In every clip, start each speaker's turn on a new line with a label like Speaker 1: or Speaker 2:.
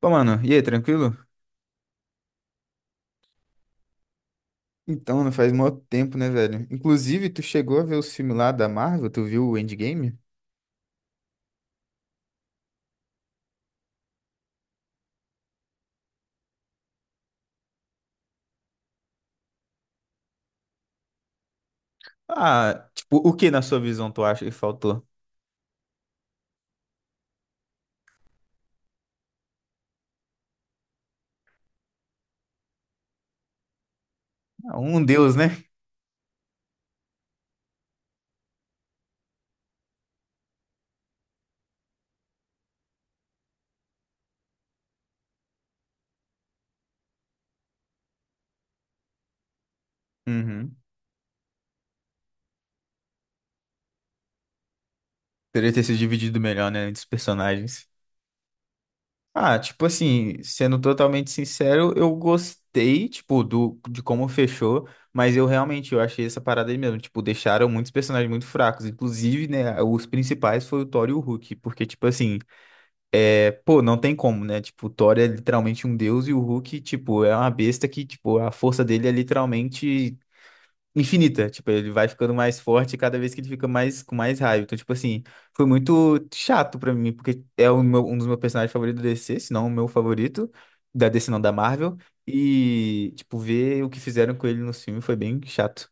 Speaker 1: Pô, mano, e aí, tranquilo? Então, não faz mó tempo, né, velho? Inclusive, tu chegou a ver os filmes lá da Marvel? Tu viu o Endgame? Ah, tipo, o que na sua visão tu acha que faltou? Ah, um deus, né? Uhum. Poderia ter sido dividido melhor, né, entre os personagens. Ah, tipo assim, sendo totalmente sincero, eu gostei, tipo, de como fechou, mas eu realmente, eu achei essa parada aí mesmo, tipo, deixaram muitos personagens muito fracos, inclusive, né, os principais foi o Thor e o Hulk, porque, tipo assim, pô, não tem como, né? Tipo, o Thor é literalmente um deus e o Hulk, tipo, é uma besta que, tipo, a força dele é literalmente infinita. Tipo, ele vai ficando mais forte cada vez que ele fica mais com mais raiva. Então, tipo assim, foi muito chato pra mim, porque é o um dos meus personagens favoritos da DC, se não o meu favorito, da DC não, da Marvel. E, tipo, ver o que fizeram com ele no filme foi bem chato.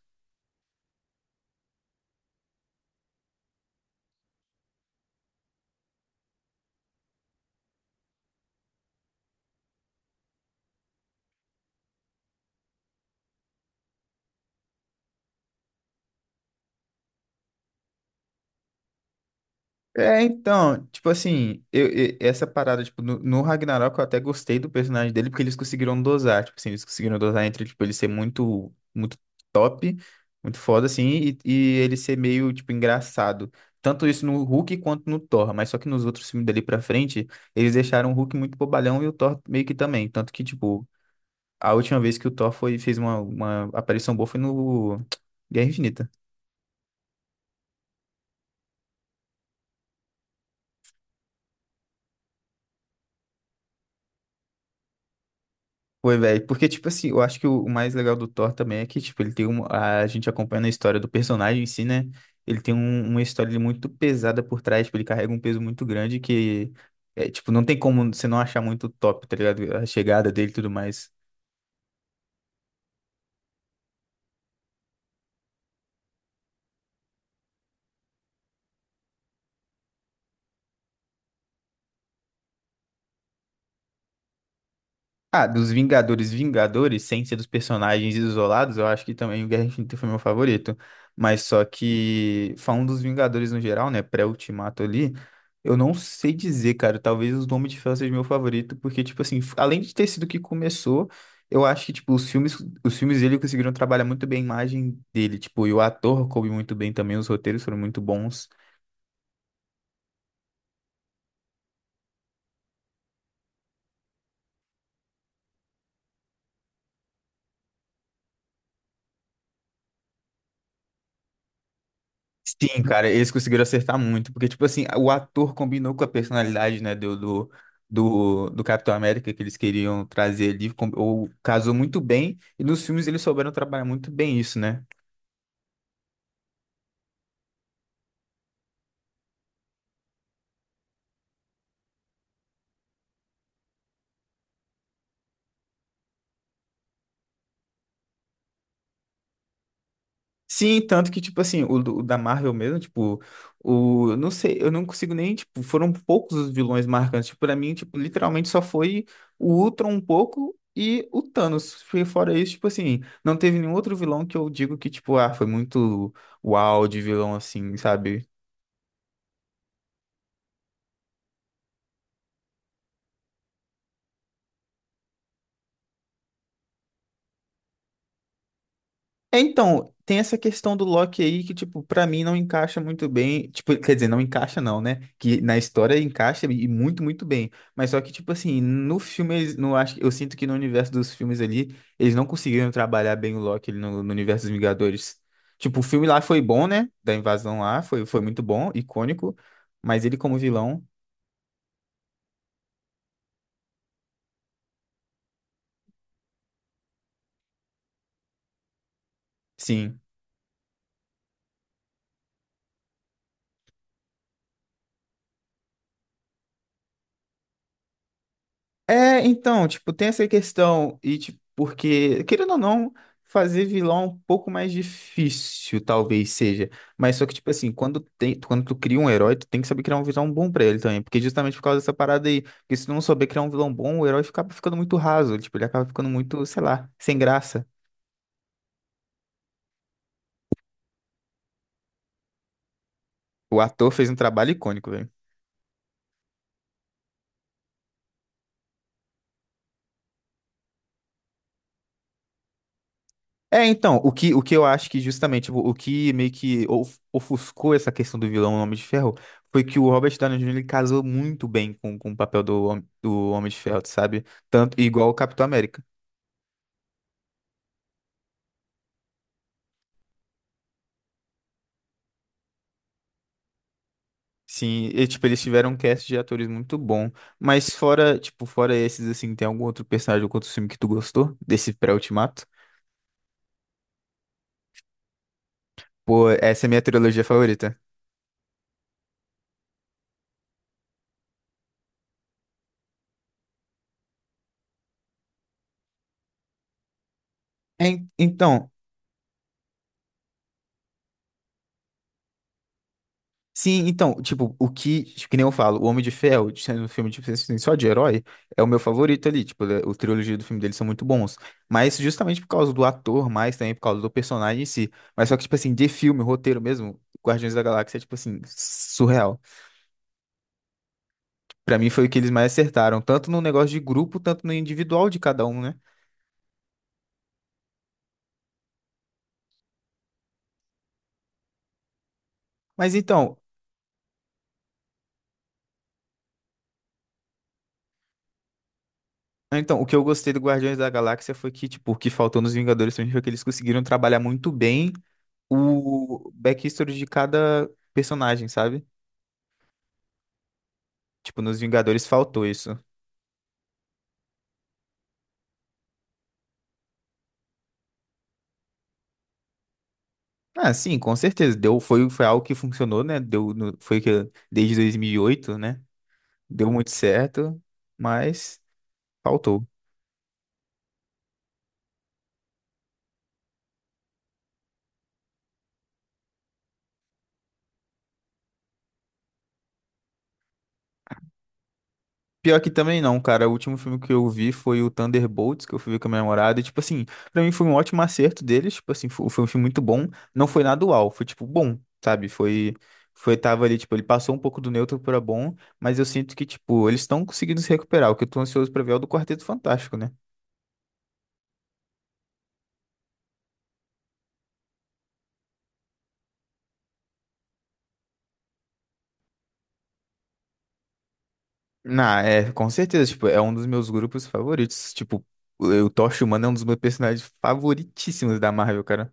Speaker 1: É, então, tipo assim, essa parada, tipo, no Ragnarok eu até gostei do personagem dele, porque eles conseguiram dosar, tipo assim, eles conseguiram dosar entre, tipo, ele ser muito top, muito foda, assim, e ele ser meio, tipo, engraçado. Tanto isso no Hulk quanto no Thor, mas só que nos outros filmes dali pra frente, eles deixaram o Hulk muito bobalhão e o Thor meio que também. Tanto que, tipo, a última vez que o Thor fez uma aparição boa foi no Guerra Infinita. Foi, velho. Porque, tipo assim, eu acho que o mais legal do Thor também é que, tipo, ele tem um, a gente acompanha a história do personagem em si, né? Ele tem uma história muito pesada por trás, tipo, ele carrega um peso muito grande que, é, tipo, não tem como você não achar muito top, tá ligado? A chegada dele e tudo mais. Ah, dos Vingadores, Vingadores, sem ser dos personagens isolados, eu acho que também o Guerra Infinita foi meu favorito. Mas só que, falando dos Vingadores no geral, né, pré-Ultimato ali, eu não sei dizer, cara, talvez os Homem de Ferro seja meu favorito, porque, tipo assim, além de ter sido o que começou, eu acho que, tipo, os filmes dele conseguiram trabalhar muito bem a imagem dele, tipo, e o ator coube muito bem também, os roteiros foram muito bons. Sim, cara, eles conseguiram acertar muito, porque, tipo assim, o ator combinou com a personalidade, né, do Capitão América que eles queriam trazer ali, ou casou muito bem, e nos filmes eles souberam trabalhar muito bem isso, né? Sim, tanto que, tipo assim, o da Marvel mesmo, tipo, o, eu não sei, eu não consigo nem, tipo, foram poucos os vilões marcantes. Tipo, pra mim, tipo, literalmente só foi o Ultron um pouco e o Thanos. Foi Fora isso, tipo assim, não teve nenhum outro vilão que eu digo que, tipo, ah, foi muito uau de vilão, assim, sabe? É, então, tem essa questão do Loki aí que, tipo, pra mim não encaixa muito bem. Tipo, quer dizer, não encaixa não, né? Que na história encaixa e muito, muito bem. Mas só que, tipo assim, no filme, no, acho, eu sinto que no universo dos filmes ali, eles não conseguiram trabalhar bem o Loki ali no universo dos Vingadores. Tipo, o filme lá foi bom, né? Da invasão lá, foi muito bom, icônico. Mas ele como vilão, sim. É, então, tipo, tem essa questão, e tipo, porque, querendo ou não, fazer vilão é um pouco mais difícil, talvez seja. Mas só que, tipo assim, quando tem, quando tu cria um herói, tu tem que saber criar um vilão bom pra ele também. Porque justamente por causa dessa parada aí. Porque se tu não souber criar um vilão bom, o herói acaba ficando muito raso. Tipo, ele acaba ficando muito, sei lá, sem graça. O ator fez um trabalho icônico, velho. É, então, o que eu acho que justamente o que meio que ofuscou essa questão do vilão Homem de Ferro foi que o Robert Downey Jr. ele casou muito bem com o papel do, do Homem de Ferro, sabe? Tanto igual o Capitão América. Sim, e, tipo, eles tiveram um cast de atores muito bom, mas fora, tipo, fora esses assim, tem algum outro personagem ou outro filme que tu gostou desse pré-ultimato? Pô, essa é a minha trilogia favorita. É, en- então, Sim, então, tipo, que nem eu falo, o Homem de Ferro, sendo um filme de, assim, só de herói, é o meu favorito ali, tipo, o trilogia do filme dele são muito bons, mas justamente por causa do ator, mais também por causa do personagem em si, mas só que, tipo assim, de filme, roteiro mesmo, Guardiões da Galáxia é, tipo assim, surreal. Pra mim foi o que eles mais acertaram, tanto no negócio de grupo, tanto no individual de cada um, né? Mas então, então, o que eu gostei do Guardiões da Galáxia foi que, tipo, o que faltou nos Vingadores pra mim foi que eles conseguiram trabalhar muito bem o backstory de cada personagem, sabe? Tipo, nos Vingadores faltou isso. Ah, sim, com certeza. Foi algo que funcionou, né? Deu, no- foi que desde 2008, né? Deu muito certo, mas faltou. Pior que também não, cara. O último filme que eu vi foi o Thunderbolts, que eu fui ver com a minha namorada. E, tipo assim, pra mim foi um ótimo acerto deles. Tipo assim, foi um filme muito bom. Não foi nada uau, foi, tipo, bom, sabe? Tava ali, tipo, ele passou um pouco do neutro pra bom, mas eu sinto que, tipo, eles estão conseguindo se recuperar. O que eu tô ansioso pra ver é o do Quarteto Fantástico, né? É, com certeza, tipo, é um dos meus grupos favoritos. Tipo, o Tocha Humana é um dos meus personagens favoritíssimos da Marvel, cara.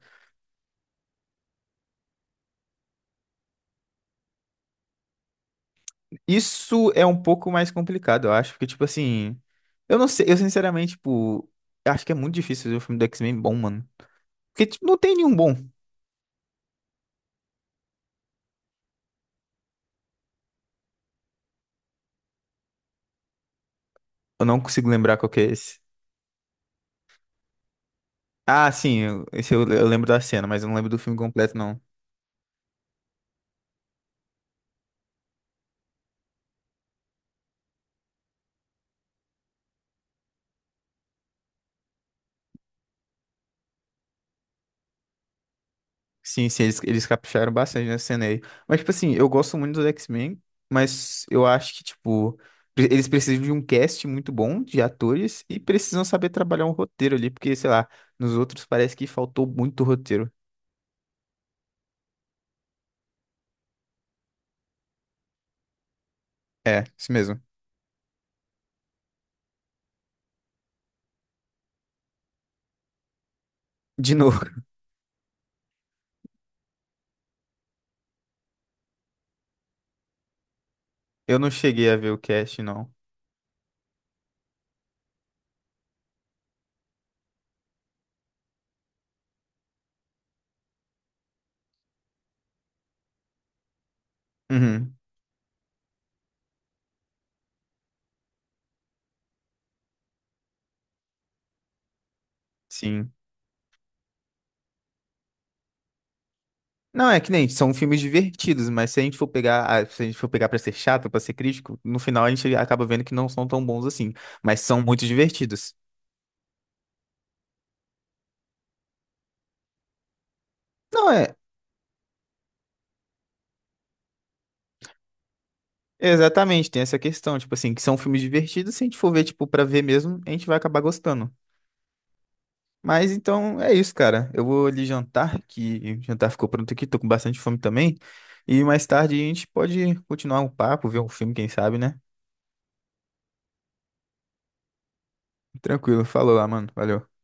Speaker 1: Isso é um pouco mais complicado, eu acho, porque, tipo assim, eu não sei, eu sinceramente, tipo, acho que é muito difícil ver um filme do X-Men bom, mano. Porque, tipo, não tem nenhum bom. Eu não consigo lembrar qual que é esse. Ah, sim, esse eu lembro da cena, mas eu não lembro do filme completo, não. Sim, sim, eles capricharam bastante nessa cena aí. Mas, tipo assim, eu gosto muito dos X-Men, mas eu acho que, tipo, eles precisam de um cast muito bom de atores e precisam saber trabalhar um roteiro ali, porque, sei lá, nos outros parece que faltou muito roteiro. É, isso mesmo. De novo, eu não cheguei a ver o cast, não. Uhum, sim. Não, é que nem, são filmes divertidos, mas se a gente for pegar, ah, se a gente for pegar pra ser chato, pra ser crítico, no final a gente acaba vendo que não são tão bons assim, mas são muito divertidos. Não, é, exatamente, tem essa questão, tipo assim, que são filmes divertidos, se a gente for ver, tipo, pra ver mesmo, a gente vai acabar gostando. Mas então é isso, cara. Eu vou ali jantar, que o jantar ficou pronto aqui, tô com bastante fome também. E mais tarde a gente pode continuar o papo, ver um filme, quem sabe, né? Tranquilo, falou lá, mano. Valeu.